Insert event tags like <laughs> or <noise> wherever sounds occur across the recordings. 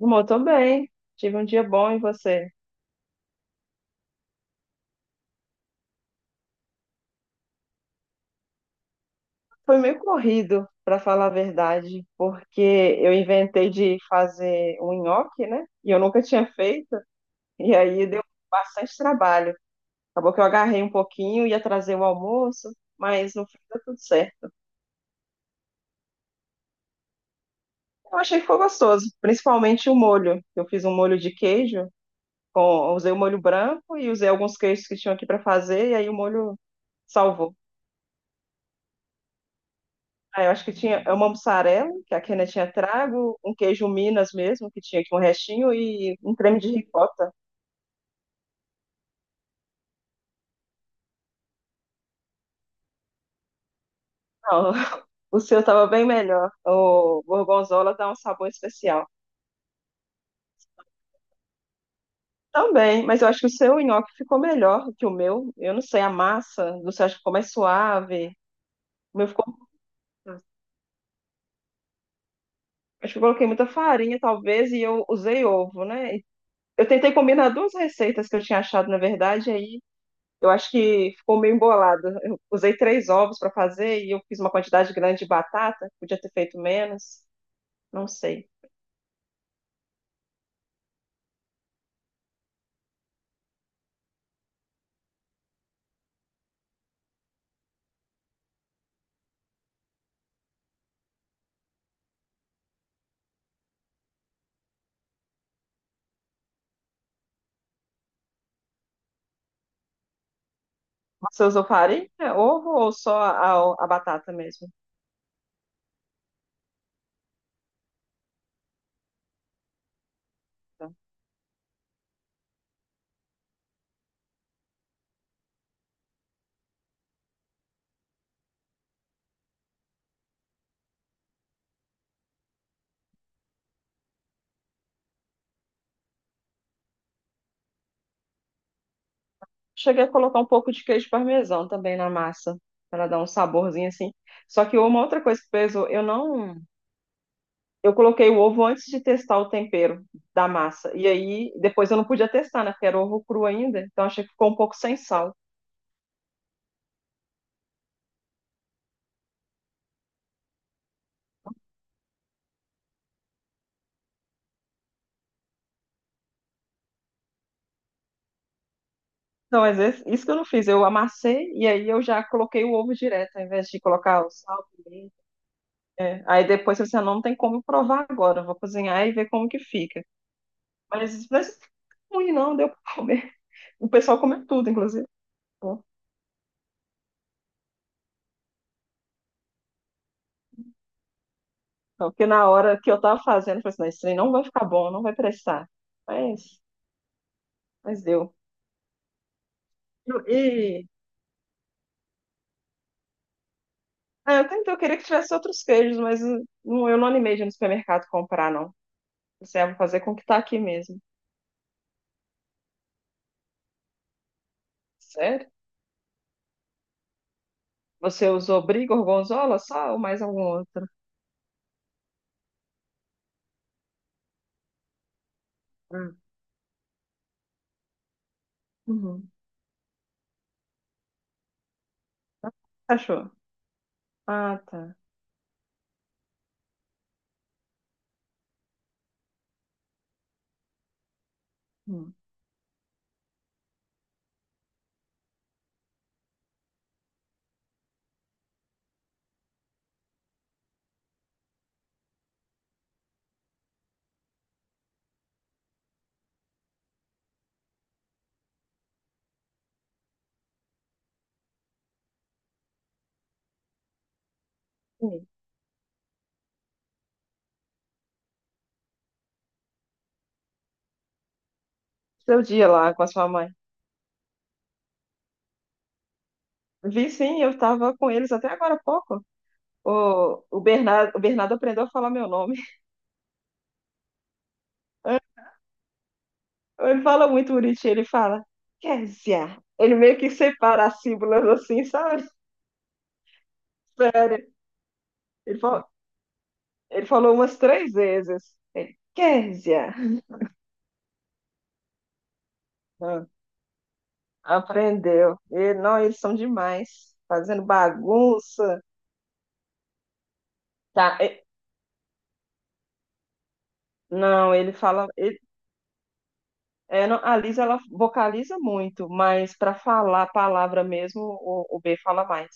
Amor, tô bem. Tive um dia bom e você? Foi meio corrido, para falar a verdade, porque eu inventei de fazer um nhoque, né? E eu nunca tinha feito, e aí deu bastante trabalho. Acabou que eu agarrei um pouquinho, ia trazer o almoço, mas no fim deu tudo certo. Eu achei que ficou gostoso, principalmente o molho. Eu fiz um molho de queijo, usei o molho branco e usei alguns queijos que tinham aqui para fazer, e aí o molho salvou. Ah, eu acho que tinha é uma mussarela, que a Kenia tinha trago, um queijo Minas mesmo, que tinha aqui um restinho, e um creme de ricota. Não, <laughs> o seu estava bem melhor. O gorgonzola dá um sabor especial. Também, mas eu acho que o seu nhoque ficou melhor que o meu. Eu não sei, a massa do seu acho que ficou mais suave. O meu ficou. Acho que eu coloquei muita farinha, talvez, e eu usei ovo, né? Eu tentei combinar duas receitas que eu tinha achado, na verdade, aí eu acho que ficou meio embolado. Eu usei três ovos para fazer e eu fiz uma quantidade grande de batata, podia ter feito menos, não sei. Você usou farinha, ovo ou só a batata mesmo? Tá. Cheguei a colocar um pouco de queijo parmesão também na massa, para dar um saborzinho assim. Só que uma outra coisa que pesou, eu não, eu coloquei o ovo antes de testar o tempero da massa. E aí depois eu não podia testar, né? Porque era ovo cru ainda, então achei que ficou um pouco sem sal. Não, mas isso que eu não fiz. Eu amassei e aí eu já coloquei o ovo direto, ao invés de colocar o sal, pimenta. É. Aí depois você não tem como provar agora. Eu vou cozinhar e ver como que fica. Mas ruim não, deu pra comer. O pessoal comeu tudo, inclusive. Bom, não, porque na hora que eu tava fazendo, eu falei assim, não, isso aí não vai ficar bom, não vai prestar. Mas, mas deu. E, e- ah, eu tentei, eu queria que tivesse outros queijos, mas não, eu não animei de ir no supermercado comprar, não. Você vai fazer com o que tá aqui mesmo. Sério? Você usou brie, gorgonzola só ou mais algum outro? Hum. Uhum. Achou? Ah, tá. Hum. E seu dia lá com a sua mãe. Vi sim, eu estava com eles até agora há pouco. O Bernardo, o Bernardo aprendeu a falar meu nome. <laughs> Ele fala muito bonitinho, ele fala, Kézia. Ele meio que separa as sílabas assim, sabe? <laughs> Sério. Ele falou, ele falou umas três vezes. Ele, Kézia. Ah, aprendeu. E, não, eles são demais. Fazendo bagunça. Tá, não, ele fala. É, não, a Liz ela vocaliza muito, mas para falar a palavra mesmo, o B fala mais.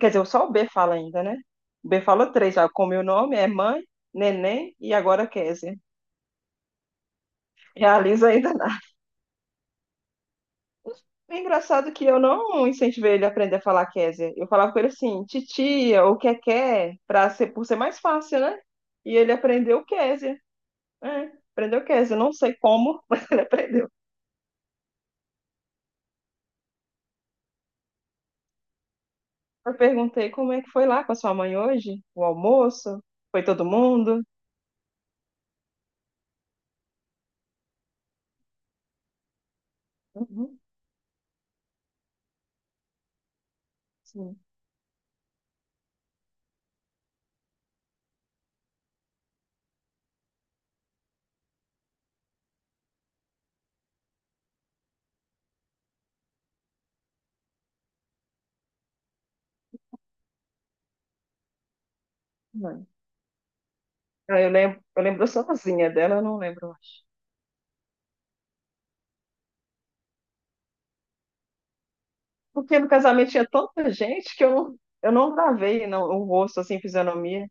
Quer dizer, só o B fala ainda, né? O B falou três já, como meu nome é mãe, neném e agora Kézia. E a Liz ainda não. <laughs> É engraçado é que eu não incentivei ele a aprender a falar Kézia. Eu falava com ele assim, titia, ou que quer, para ser, por ser mais fácil, né? E ele aprendeu Kézia. É, aprendeu Kézia. Eu não sei como, <laughs> mas aprendeu. Eu perguntei como é que foi lá com a sua mãe hoje, o almoço, foi todo mundo? Uhum, sim, mãe. Ah, eu lembro sozinha dela, eu não lembro, eu acho. Porque no casamento tinha tanta gente que eu não gravei não, o rosto, assim, fisionomia.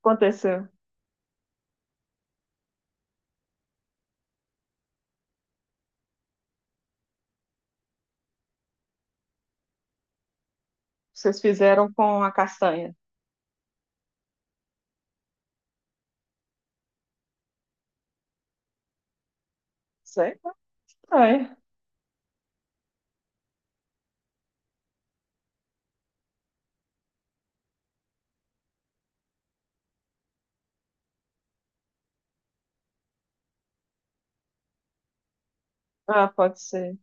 Aconteceu. Vocês fizeram com a castanha. Sei, castanha. Ah, pode ser.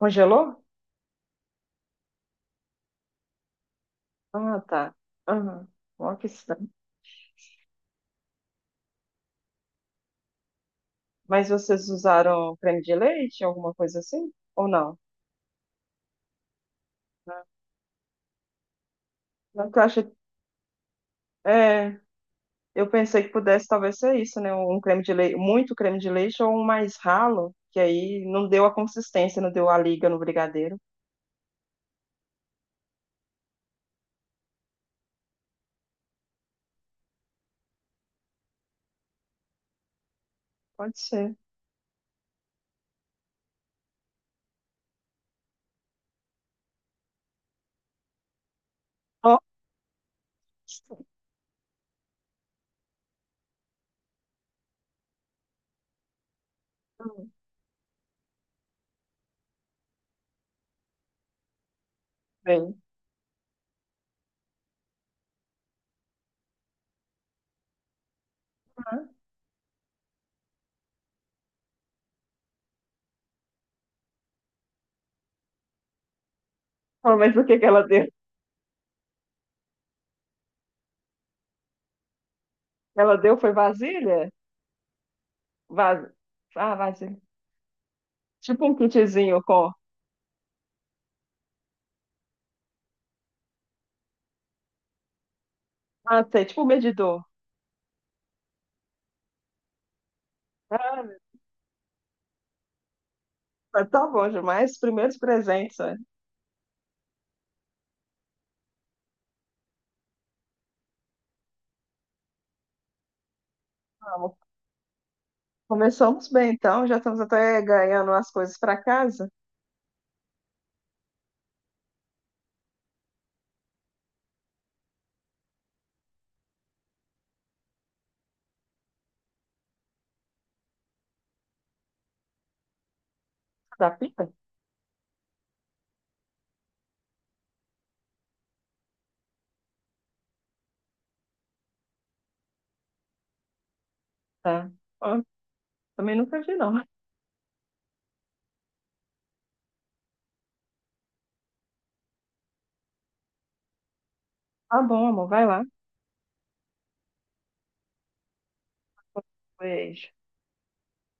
Congelou? Ah, tá. Aham. Ó, que estranho. Mas vocês usaram creme de leite, alguma coisa assim? Ou não? Não, que eu acho. É, eu pensei que pudesse talvez ser isso, né? Um creme de leite, muito creme de leite ou um mais ralo, que aí não deu a consistência, não deu a liga no brigadeiro. Pode ser. Nossa, tudo bem. Ah, mas o que que ela deu? Ela deu foi vasilha? Vas... ah, vasilha. Tipo um kitzinho com. Ah, sei, tipo um medidor. Ah, meu Deus, tá bom demais. Primeiros presentes, né? Vamos. Começamos bem, então. Já estamos até ganhando as coisas para casa. Da pipa. Tá. Ó, também nunca vi, não. Tá bom, amor, vai lá. Pois.